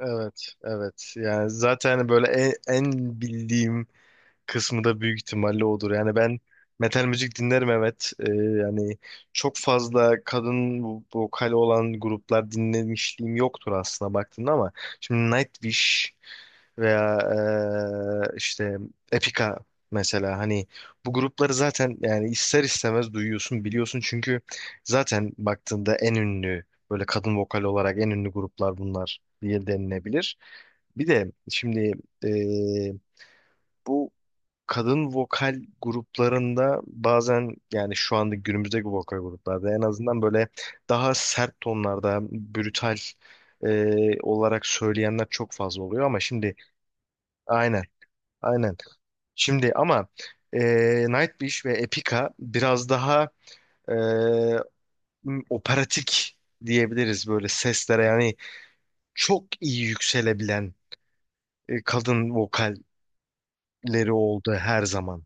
Evet, evet. Yani zaten hani böyle en bildiğim kısmı da büyük ihtimalle odur. Yani ben metal müzik dinlerim evet. Yani çok fazla kadın vokali olan gruplar dinlemişliğim yoktur aslında baktığında ama şimdi Nightwish veya işte Epica mesela hani bu grupları zaten yani ister istemez duyuyorsun biliyorsun çünkü zaten baktığında en ünlü böyle kadın vokal olarak en ünlü gruplar bunlar diye denilebilir. Bir de şimdi eee, bu kadın vokal gruplarında bazen yani şu anda günümüzdeki vokal gruplarda en azından böyle daha sert tonlarda brutal olarak söyleyenler çok fazla oluyor ama şimdi aynen. Aynen. Şimdi ama e, Nightwish ve Epica biraz daha e, operatik diyebiliriz böyle seslere. Yani çok iyi yükselebilen kadın vokalleri oldu her zaman.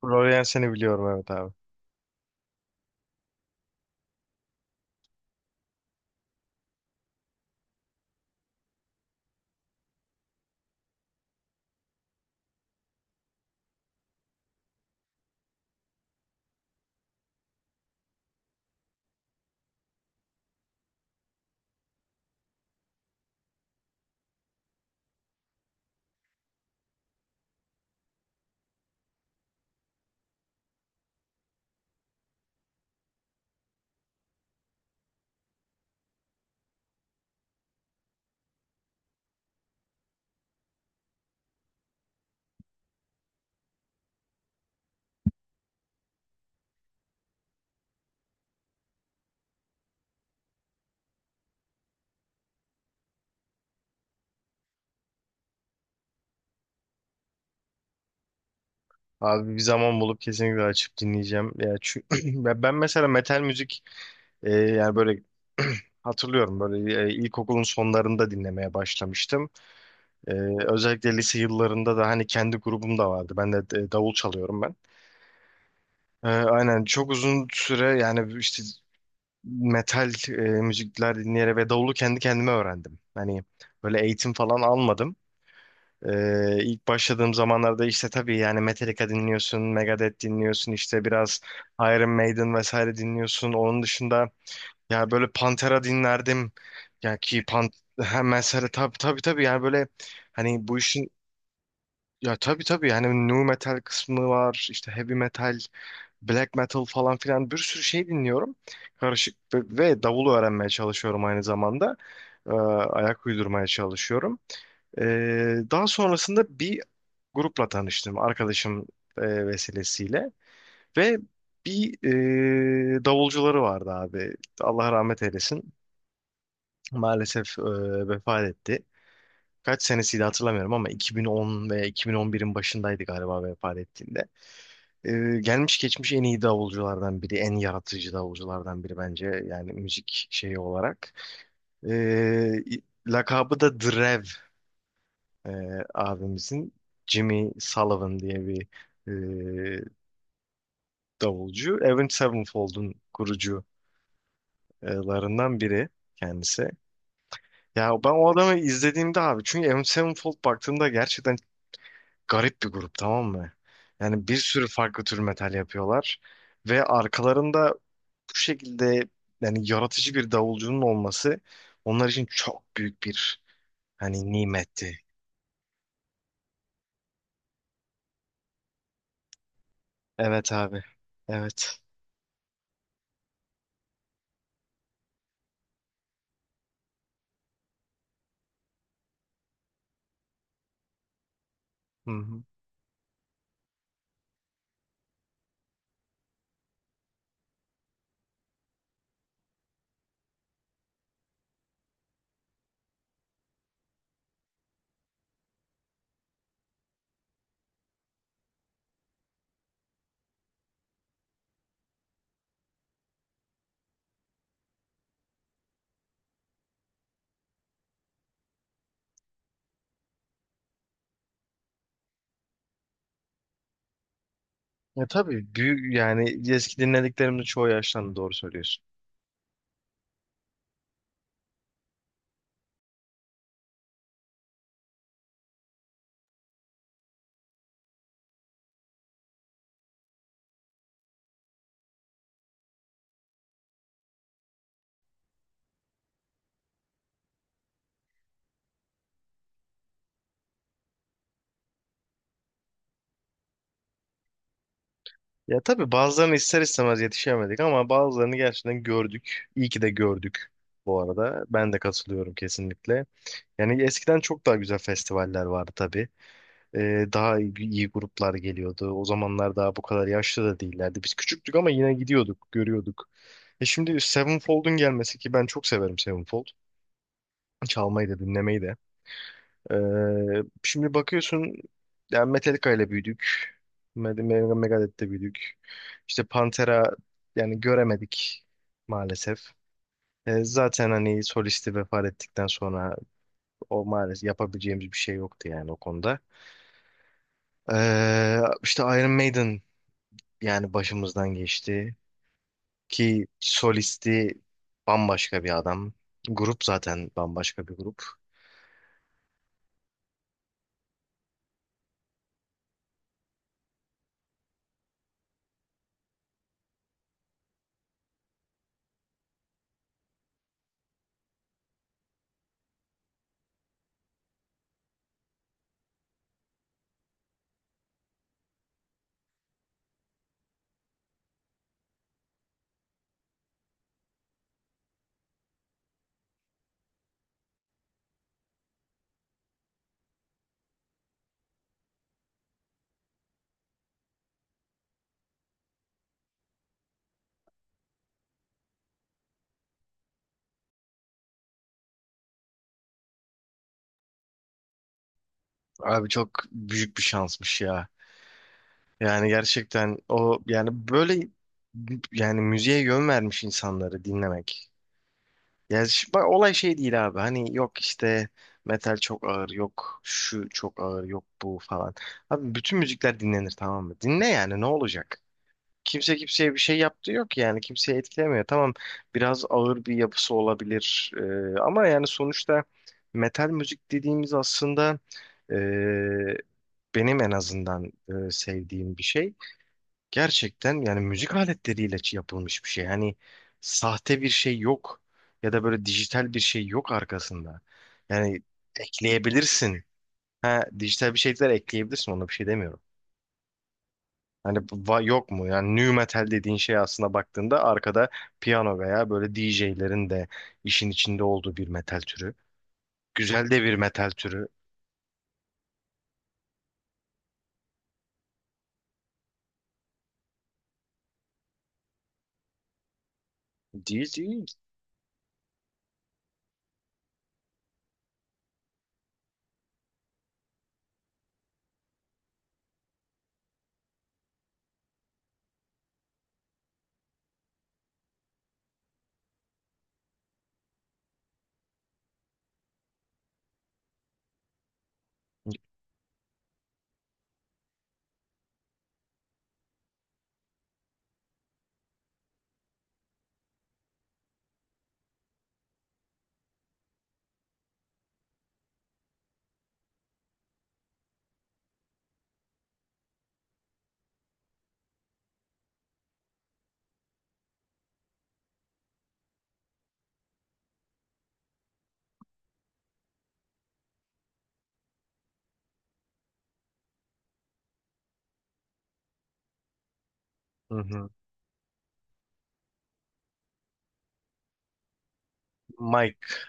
Florian seni biliyorum evet abi. Abi bir zaman bulup kesinlikle açıp dinleyeceğim. Ya ya ben mesela metal müzik yani böyle hatırlıyorum böyle ilkokulun sonlarında dinlemeye başlamıştım. E, Özellikle lise yıllarında da hani kendi grubum da vardı. Ben de davul çalıyorum ben. Aynen, çok uzun süre yani işte metal müzikler dinleyerek ve davulu kendi kendime öğrendim. Hani böyle eğitim falan almadım. İlk başladığım zamanlarda işte tabii yani Metallica dinliyorsun, Megadeth dinliyorsun, işte biraz Iron Maiden vesaire dinliyorsun. Onun dışında ya böyle Pantera dinlerdim. Ya ki Pan ha, mesela tabii tabii tabii yani böyle hani bu işin ya tabii tabii hani nu metal kısmı var, işte heavy metal, black metal falan filan bir sürü şey dinliyorum. Karışık ve davul öğrenmeye çalışıyorum, aynı zamanda ayak uydurmaya çalışıyorum. E, Daha sonrasında bir grupla tanıştım arkadaşım vesilesiyle ve bir davulcuları vardı abi. Allah rahmet eylesin. Maalesef vefat etti. Kaç senesiydi hatırlamıyorum ama 2010 veya 2011'in başındaydı galiba vefat ettiğinde. E, Gelmiş geçmiş en iyi davulculardan biri, en yaratıcı davulculardan biri bence yani müzik şeyi olarak. E, Lakabı da Drev e, abimizin, Jimmy Sullivan diye bir e, davulcu. Avenged Sevenfold'un kurucularından biri kendisi. Ya ben o adamı izlediğimde abi, çünkü Avenged Sevenfold baktığımda gerçekten garip bir grup, tamam mı? Yani bir sürü farklı tür metal yapıyorlar ve arkalarında bu şekilde yani yaratıcı bir davulcunun olması onlar için çok büyük bir hani nimetti. Evet abi. Evet. Hı hı. Ya tabii büyük, yani eski dinlediklerimde çoğu yaşlandı, doğru söylüyorsun. Ya tabii bazılarını ister istemez yetişemedik ama bazılarını gerçekten gördük. İyi ki de gördük bu arada. Ben de katılıyorum kesinlikle. Yani eskiden çok daha güzel festivaller vardı tabii. Daha iyi gruplar geliyordu. O zamanlar daha bu kadar yaşlı da değillerdi. Biz küçüktük ama yine gidiyorduk, görüyorduk. E şimdi Sevenfold'un gelmesi, ki ben çok severim Sevenfold. Çalmayı da dinlemeyi de. Şimdi bakıyorsun yani Metallica ile büyüdük. Megadeth'te büyüdük. İşte Pantera yani göremedik maalesef. Zaten hani solisti vefat ettikten sonra o maalesef yapabileceğimiz bir şey yoktu yani o konuda. İşte Iron Maiden yani başımızdan geçti. Ki solisti bambaşka bir adam. Grup zaten bambaşka bir grup. Abi çok büyük bir şansmış ya. Yani gerçekten o yani böyle yani müziğe yön vermiş insanları dinlemek. Yani bak olay şey değil abi. Hani yok işte metal çok ağır, yok şu çok ağır, yok bu falan. Abi bütün müzikler dinlenir, tamam mı? Dinle yani ne olacak? Kimse kimseye bir şey yaptığı yok yani kimseye etkilemiyor. Tamam, biraz ağır bir yapısı olabilir ama yani sonuçta metal müzik dediğimiz aslında e, benim en azından sevdiğim bir şey. Gerçekten yani müzik aletleriyle yapılmış bir şey. Hani sahte bir şey yok ya da böyle dijital bir şey yok arkasında. Yani ekleyebilirsin. Ha, dijital bir şeyler ekleyebilirsin, ona bir şey demiyorum. Hani yok mu? Yani nu metal dediğin şey aslında baktığında arkada piyano veya böyle D J'lerin de işin içinde olduğu bir metal türü. Güzel de bir metal türü. Değil değil. Hı hı. Mike.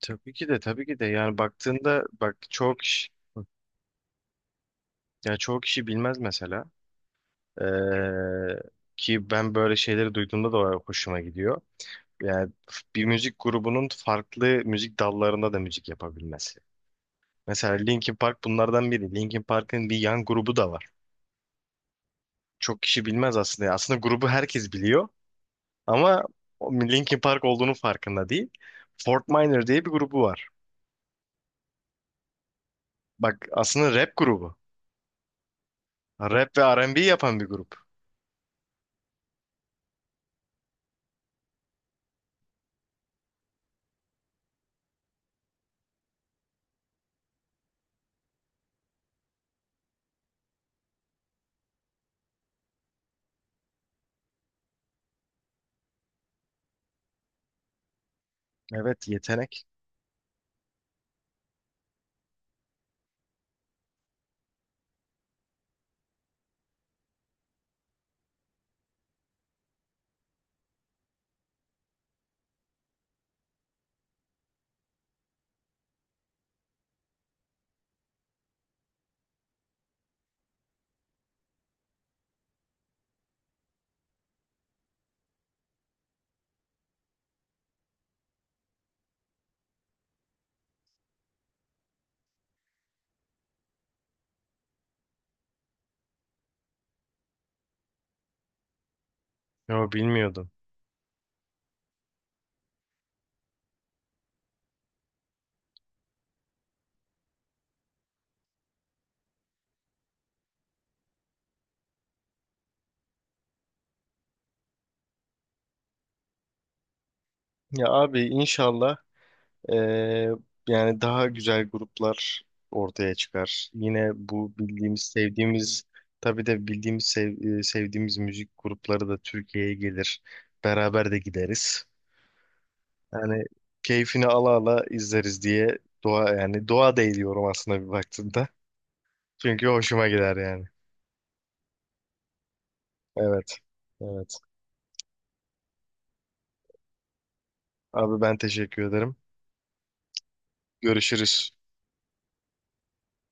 Tabii ki de, tabii ki de yani baktığında bak çoğu kişi, ya çoğu kişi bilmez mesela. Ee, Ki ben böyle şeyleri duyduğumda da hoşuma gidiyor. Yani bir müzik grubunun farklı müzik dallarında da müzik yapabilmesi. Mesela Linkin Park bunlardan biri. Linkin Park'ın bir yan grubu da var, çok kişi bilmez aslında ya. Aslında grubu herkes biliyor ama o Linkin Park olduğunu farkında değil. Fort Minor diye bir grubu var. Bak aslında rap grubu. Rap ve R&B yapan bir grup. Evet, yetenek. Yo, bilmiyordum. Ya abi inşallah eee, yani daha güzel gruplar ortaya çıkar. Yine bu bildiğimiz, sevdiğimiz tabii de bildiğimiz, sevdiğimiz müzik grupları da Türkiye'ye gelir. Beraber de gideriz. Yani keyfini ala ala izleriz diye dua, yani dua da ediyorum aslında bir baktığımda. Çünkü hoşuma gider yani. Evet. Evet. Abi ben teşekkür ederim. Görüşürüz.